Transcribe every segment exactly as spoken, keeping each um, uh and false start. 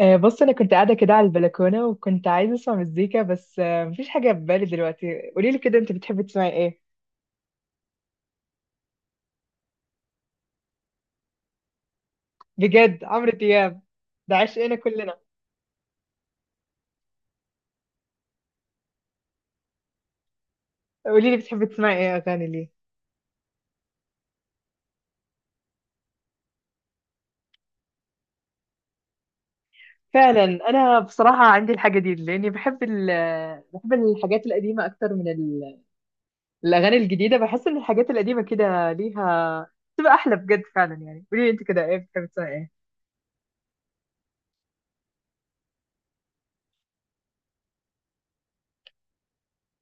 آه، بص انا كنت قاعده كده على البلكونه وكنت عايزه اسمع مزيكا بس آه، مفيش حاجه في بالي دلوقتي. قولي لي كده انت بتحبي تسمعي ايه؟ بجد عمرو دياب ده عشقنا كلنا. قولي لي بتحبي تسمعي ايه اغاني ليه. فعلا. انا بصراحه عندي الحاجه دي لاني بحب ال- آه، بحب الحاجات القديمه اكتر من ال- الاغاني الجديده. بحس ان الحاجات القديمه كده ليها، بتبقى احلى بجد فعلا. يعني قولي لي انت كده ايه، بتحبي تسمعي ايه؟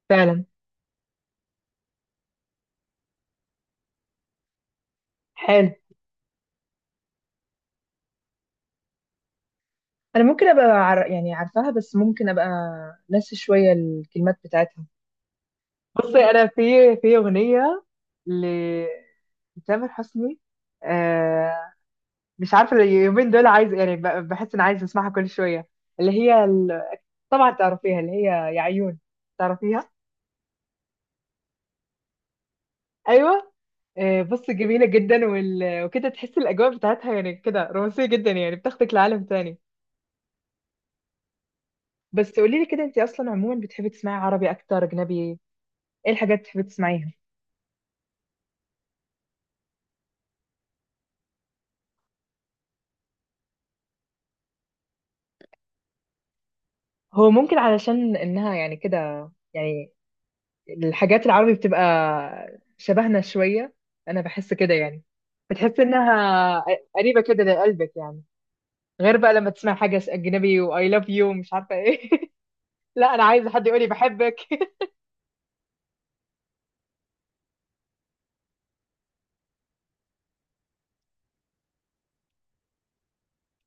فعلا. حلو. انا ممكن ابقى عر... يعني عارفاها، بس ممكن ابقى ناسي شويه الكلمات بتاعتها. بصي انا في، في اغنيه لتامر حسني، آه، مش عارفه اليومين دول عايز يعني ب- بحس ان عايز اسمعها كل شويه، اللي هي ال... طبعا تعرفيها، اللي هي يا عيون. تعرفيها؟ ايوه. آه بصي جميله جدا وال... وكده تحسي الاجواء بتاعتها يعني كده رومانسيه جدا، يعني بتاخدك لعالم تاني. بس قولي لي كده انت اصلا عموما بتحبي تسمعي عربي اكتر اجنبي، ايه الحاجات اللي بتحبي تسمعيها؟ هو ممكن علشان انها يعني كده، يعني الحاجات العربي بتبقى شبهنا شوية. أنا بحس كده يعني بتحس إنها قريبة كده لقلبك يعني. غير بقى لما تسمع حاجة أجنبي و I love you ومش عارفة إيه لا أنا عايزة حد يقولي بحبك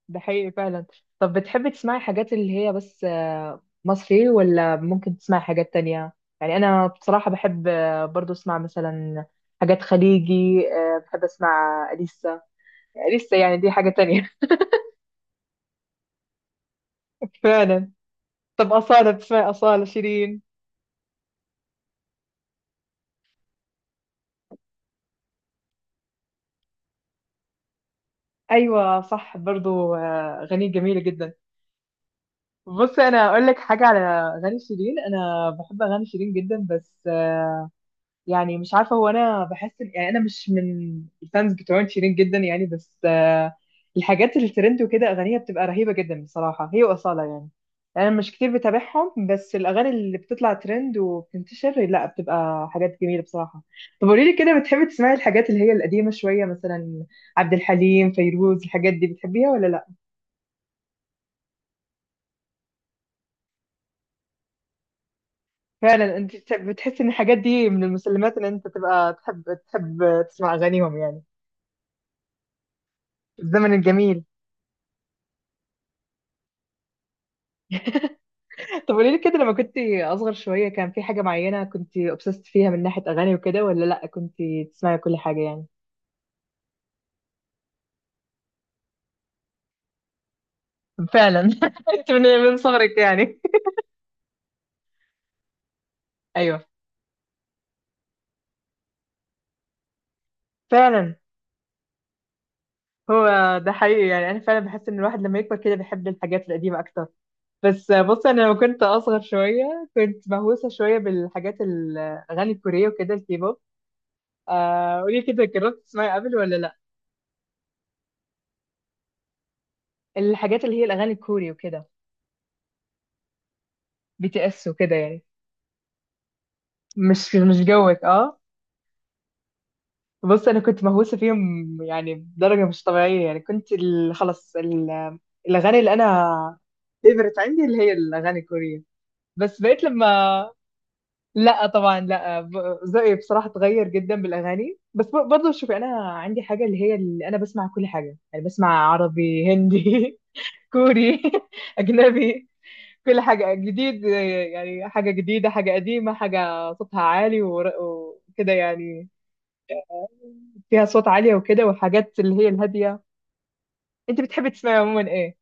ده حقيقي فعلا. طب بتحبي تسمعي حاجات اللي هي بس آه، مصري، ولا ممكن تسمعي حاجات تانية؟ يعني أنا بصراحة بحب آه، برضو أسمع مثلا حاجات خليجي. آه، بحب أسمع أليسا. أليسا يعني دي حاجة تانية. فعلا. طب أصالة، بتسمعي أصالة شيرين؟ ايوه صح، برضو آه، اغاني جميله جدا. بص انا اقول لك حاجه على اغاني شيرين. انا بحب اغاني شيرين جدا بس آه، يعني مش عارفه، هو انا بحس إن- يعني انا مش من الفانز بتوع شيرين جدا يعني، بس آه، الحاجات الترند وكده اغانيها بتبقى رهيبه جدا بصراحه، هي واصاله يعني. انا مش كتير بتابعهم، بس الاغاني اللي بتطلع ترند وبتنتشر لا، بتبقى حاجات جميله بصراحه. طب قولي لي كده بتحبي تسمعي الحاجات اللي هي القديمه شويه، مثلا عبد الحليم، فيروز، الحاجات دي بتحبيها ولا لا؟ فعلا. انت بتحس ان الحاجات دي من المسلمات ان انت تبقى تحب، تحب تسمع اغانيهم يعني. في الزمن الجميل طب قولي لي كده، لما كنت اصغر شويه كان في حاجه معينه كنت obsessed فيها من ناحيه اغاني وكده، ولا لا كنت تسمعي كل حاجه يعني؟ فعلا انت من من صغرك يعني. ايوه. فعلا. هو ده حقيقي يعني، انا فعلا بحس ان الواحد لما يكبر كده بيحب الحاجات القديمه اكتر. بس بص انا لما كنت اصغر شويه كنت مهووسه شويه بالحاجات الاغاني الكوريه وكده، الكيبوب. آه قولي كده، جربت تسمعي قبل ولا لا الحاجات اللي هي الاغاني الكوري وكده، بي تي اس وكده يعني؟ مش، مش جوك. اه. بص انا كنت مهووسه فيهم يعني بدرجه مش طبيعيه يعني، كنت ال- خلاص ال- الاغاني اللي انا فيفرت عندي اللي هي الاغاني الكوريه. بس بقيت لما، لا طبعا لا. ب- ذوقي بصراحه اتغير جدا بالاغاني، بس ب- برضه شوفي انا عندي حاجه اللي هي، اللي انا بسمع كل حاجه يعني. بسمع عربي، هندي كوري اجنبي. كل حاجة جديد، يعني حاجة جديدة، حاجة قديمة، حاجة صوتها عالي ور- وكده يعني، فيها صوت عالية وكده والحاجات اللي هي الهادية. انت بتحبي تسمعي عموما ايه؟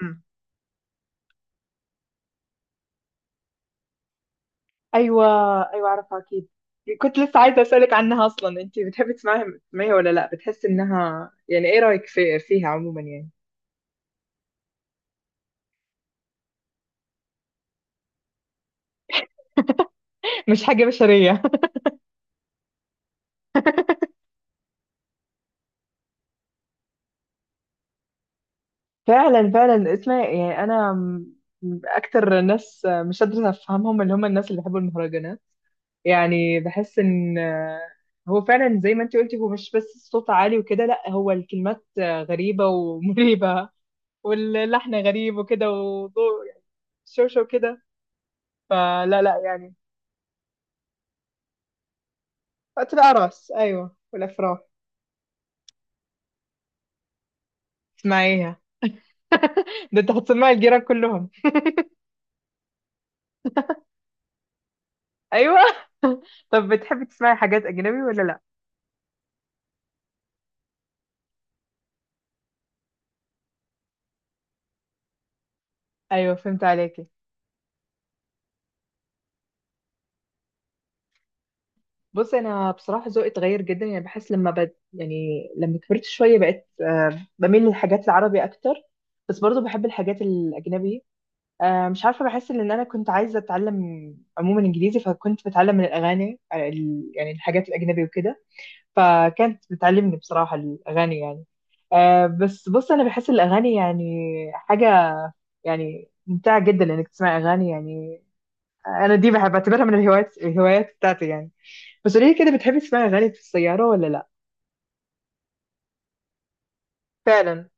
مم. ايوه. ايوه اعرفها اكيد. كنت لسه عايزة اسألك عنها اصلا، انت بتحبي تسمعيها، تسمعيها ولا لا؟ بتحسي انها يعني، ايه رأيك في، فيها عموما يعني؟ مش حاجة بشرية. فعلا فعلا. اسمع يعني انا م- اكتر ناس مش قادرة افهمهم، اللي هم الناس اللي بيحبوا المهرجانات يعني. بحس ان آه، هو فعلا زي ما انت قلتي، هو مش بس الصوت عالي وكده، لا هو الكلمات آه، غريبة ومريبة واللحن غريب وكده وضوء يعني، شوشة وكده. فلا لا يعني. وقت الأعراس، أيوة، والأفراح. اسمعيها ده انت هتسمعي الجيران كلهم. أيوة طب بتحبي تسمعي حاجات أجنبي ولا لا؟ أيوة فهمت عليكي. بص انا بصراحه ذوقي اتغير جدا، يعني بحس لما بد يعني لما كبرت شويه بقيت آه، بميل للحاجات العربي اكتر. بس برضو بحب الحاجات الاجنبي. آه، مش عارفه، بحس ان انا كنت عايزه اتعلم عموما انجليزي، فكنت بتعلم من الاغاني آه، ال- يعني الحاجات الاجنبي وكده، فكانت بتعلمني بصراحه الاغاني يعني. آه، بس بص انا بحس الاغاني يعني حاجه يعني ممتعه جدا انك تسمع اغاني يعني. آه، انا دي بحب بعتبرها من الهوايات، الهوايات بتاعتي يعني. بس قولي لي كده، بتحبي تسمعي اغاني في السياره ولا لا؟ فعلا.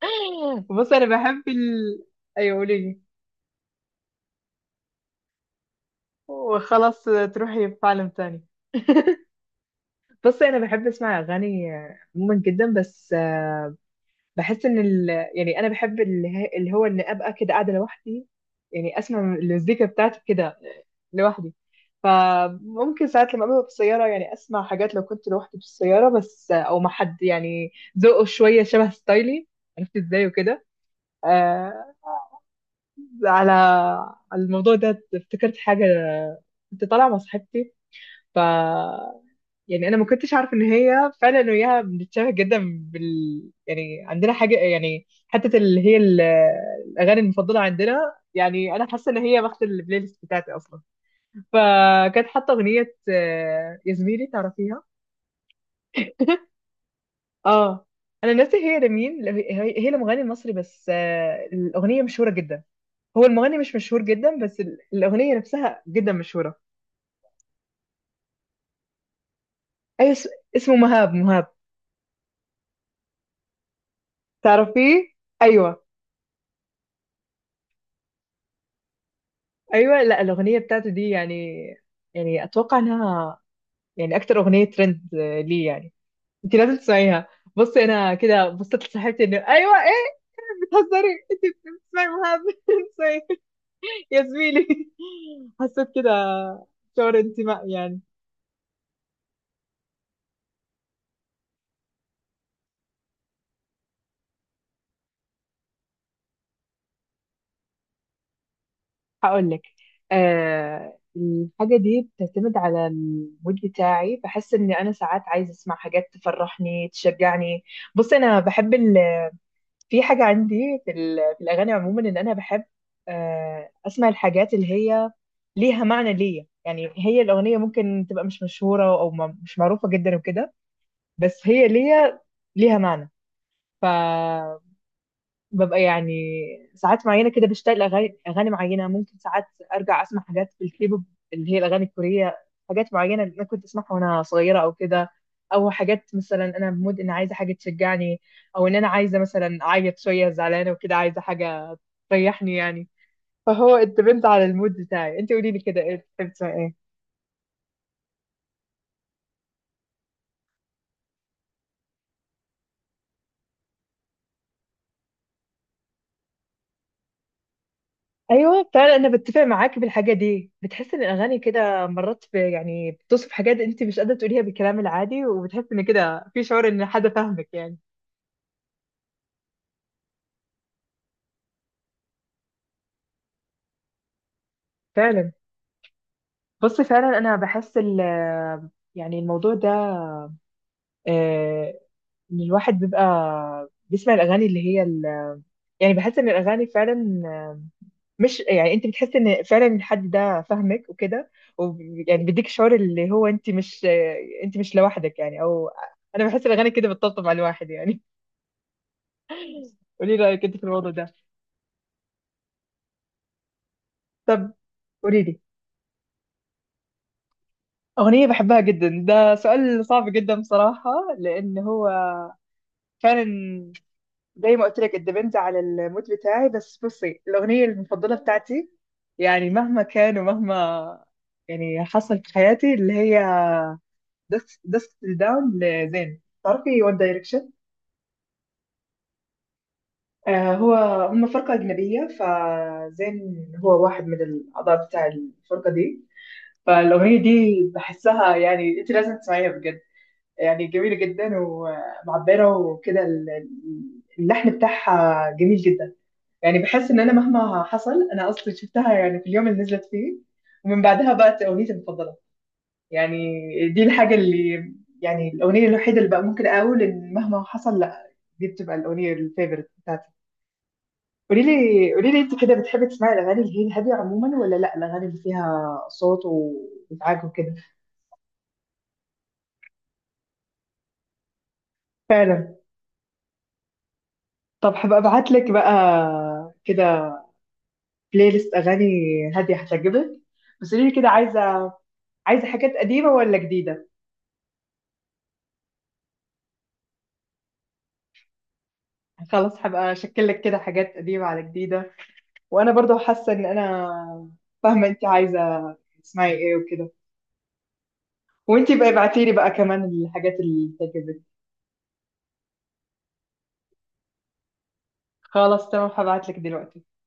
بص انا بحب ال... ايوه قولي لي. وخلاص تروحي في عالم تاني. بص انا بحب اسمع اغاني آه، عموما جدا، بس آه، بحس ان ال... يعني انا بحب اللي, هي... اللي هو ان ابقى كده قاعده لوحدي يعني، اسمع المزيكا بتاعتي كده لوحدي. فممكن ساعات لما ابقى في السياره يعني اسمع حاجات لو كنت لوحدي في السياره، بس آه، او مع حد يعني ذوقه شويه شبه ستايلي، عرفت ازاي وكده. آه. على، على الموضوع ده افتكرت حاجة. كنت طالعة مع صاحبتي، ف، يعني أنا ما كنتش عارفة إن هي فعلا أنا وياها بنتشابه جدا، بال يعني عندنا حاجة يعني حتة اللي هي ال- الأغاني المفضلة عندنا. يعني أنا حاسة إن هي واخدة البلاي ليست بتاعتي أصلا. فكانت حاطة أغنية آه، يا زميلي، تعرفيها؟ اه. انا ناسي هي لمين، ل- هي، هي لمغني مصري بس آه، الاغنيه مشهوره جدا. هو المغني مش مشهور جدا، بس ال- الأغنية نفسها جدا مشهورة. أيوة اس- اسمه مهاب. مهاب، تعرفيه؟ أيوة. أيوة لا الأغنية بتاعته دي يعني، يعني أتوقع إنها يعني أكتر أغنية ترند آه، ليه يعني. أنت لازم تسمعيها. بصي أنا كده بصيت لصاحبتي، إنه أيوة إيه، بتهزري أنت، بتسمعي مهاب بتسمعي يا زميلي حسيت كده شعور انتماء يعني. هقول لك. آه الحاجة دي بتعتمد على المود بتاعي، بحس إن أنا ساعات عايزة أسمع حاجات تفرحني، تشجعني. بص أنا بحب ال... في حاجة عندي في, ال... في الأغاني عموما، إن أنا بحب آه أسمع الحاجات اللي هي ليها معنى ليا يعني. هي الأغنية ممكن تبقى مش مشهورة أو ما... مش معروفة جدا وكده، بس هي ليا، ليها معنى. ف ببقى يعني ساعات معينه كده بشتغل اغاني، اغاني معينه. ممكن ساعات ارجع اسمع حاجات في الكيبوب اللي هي الاغاني الكوريه، حاجات معينه انا كنت اسمعها وانا صغيره او كده. او حاجات مثلا انا بمود ان عايزه حاجه تشجعني، او ان انا عايزه مثلا اعيط شويه، زعلانه وكده عايزه حاجه تريحني يعني. فهو اتبنت على المود بتاعي. انت قولي لي كده ايه، بتحبي تسمعي ايه؟ ايوه فعلا انا بتفق معاك بالحاجه دي. بتحس ان الاغاني كده مرات ب- يعني بتوصف حاجات انت مش قادره تقوليها بالكلام العادي، وبتحس ان كده في شعور ان حد فاهمك يعني. فعلا. بص فعلا انا بحس ال، يعني الموضوع ده آه، ان الواحد بيبقى بيسمع الاغاني اللي هي ال- يعني بحس ان الاغاني فعلا، مش يعني انت بتحس ان فعلا الحد ده فاهمك وكده، ويعني بيديك شعور اللي هو انت مش، انت مش لوحدك يعني. او انا بحس الاغاني كده بتطبطب على الواحد يعني. قولي لي رايك انت في الموضوع ده. طب قولي لي اغنيه بحبها جدا؟ ده سؤال صعب جدا بصراحه لان هو، فعلا زي ما قلت لك الدبنت على المود بتاعي. بس بصي الاغنيه المفضله بتاعتي يعني مهما كان ومهما يعني حصل في حياتي اللي هي دست دست داون لزين، تعرفي وان دايركشن؟ آه هو، هم فرقة أجنبية فزين هو واحد من الأعضاء بتاع الفرقة دي. فالاغنيه دي بحسها يعني، انت لازم تسمعيها بجد. يعني جميله جدا ومعبره وكده، ال- ال- اللحن بتاعها جميل جدا. يعني بحس ان انا مهما حصل، انا اصلا شفتها يعني في اليوم اللي نزلت فيه، ومن بعدها بقت اغنيتي المفضله يعني. دي الحاجه اللي يعني الاغنيه الوحيده اللي بقى ممكن اقول ان مهما حصل لا، دي بتبقى الاغنيه الفيفورت بتاعتي. قولي لي قولي لي انت كده بتحبي تسمعي الاغاني اللي هي الهاديه عموما، ولا لا الاغاني اللي فيها صوت وازعاج وكده؟ فعلا. طب هبقى ابعت لك بقى كده بلاي ليست اغاني هاديه هتعجبك. بس قولي لي كده، عايزه، عايزه حاجات قديمه ولا جديده؟ خلاص هبقى اشكل لك كده حاجات قديمه على جديده. وانا برضه حاسه ان انا فاهمه انت عايزه تسمعي ايه وكده. وانت بقى ابعتي لي بقى كمان الحاجات اللي تعجبك. خلاص تمام، هبعت لك دلوقتي.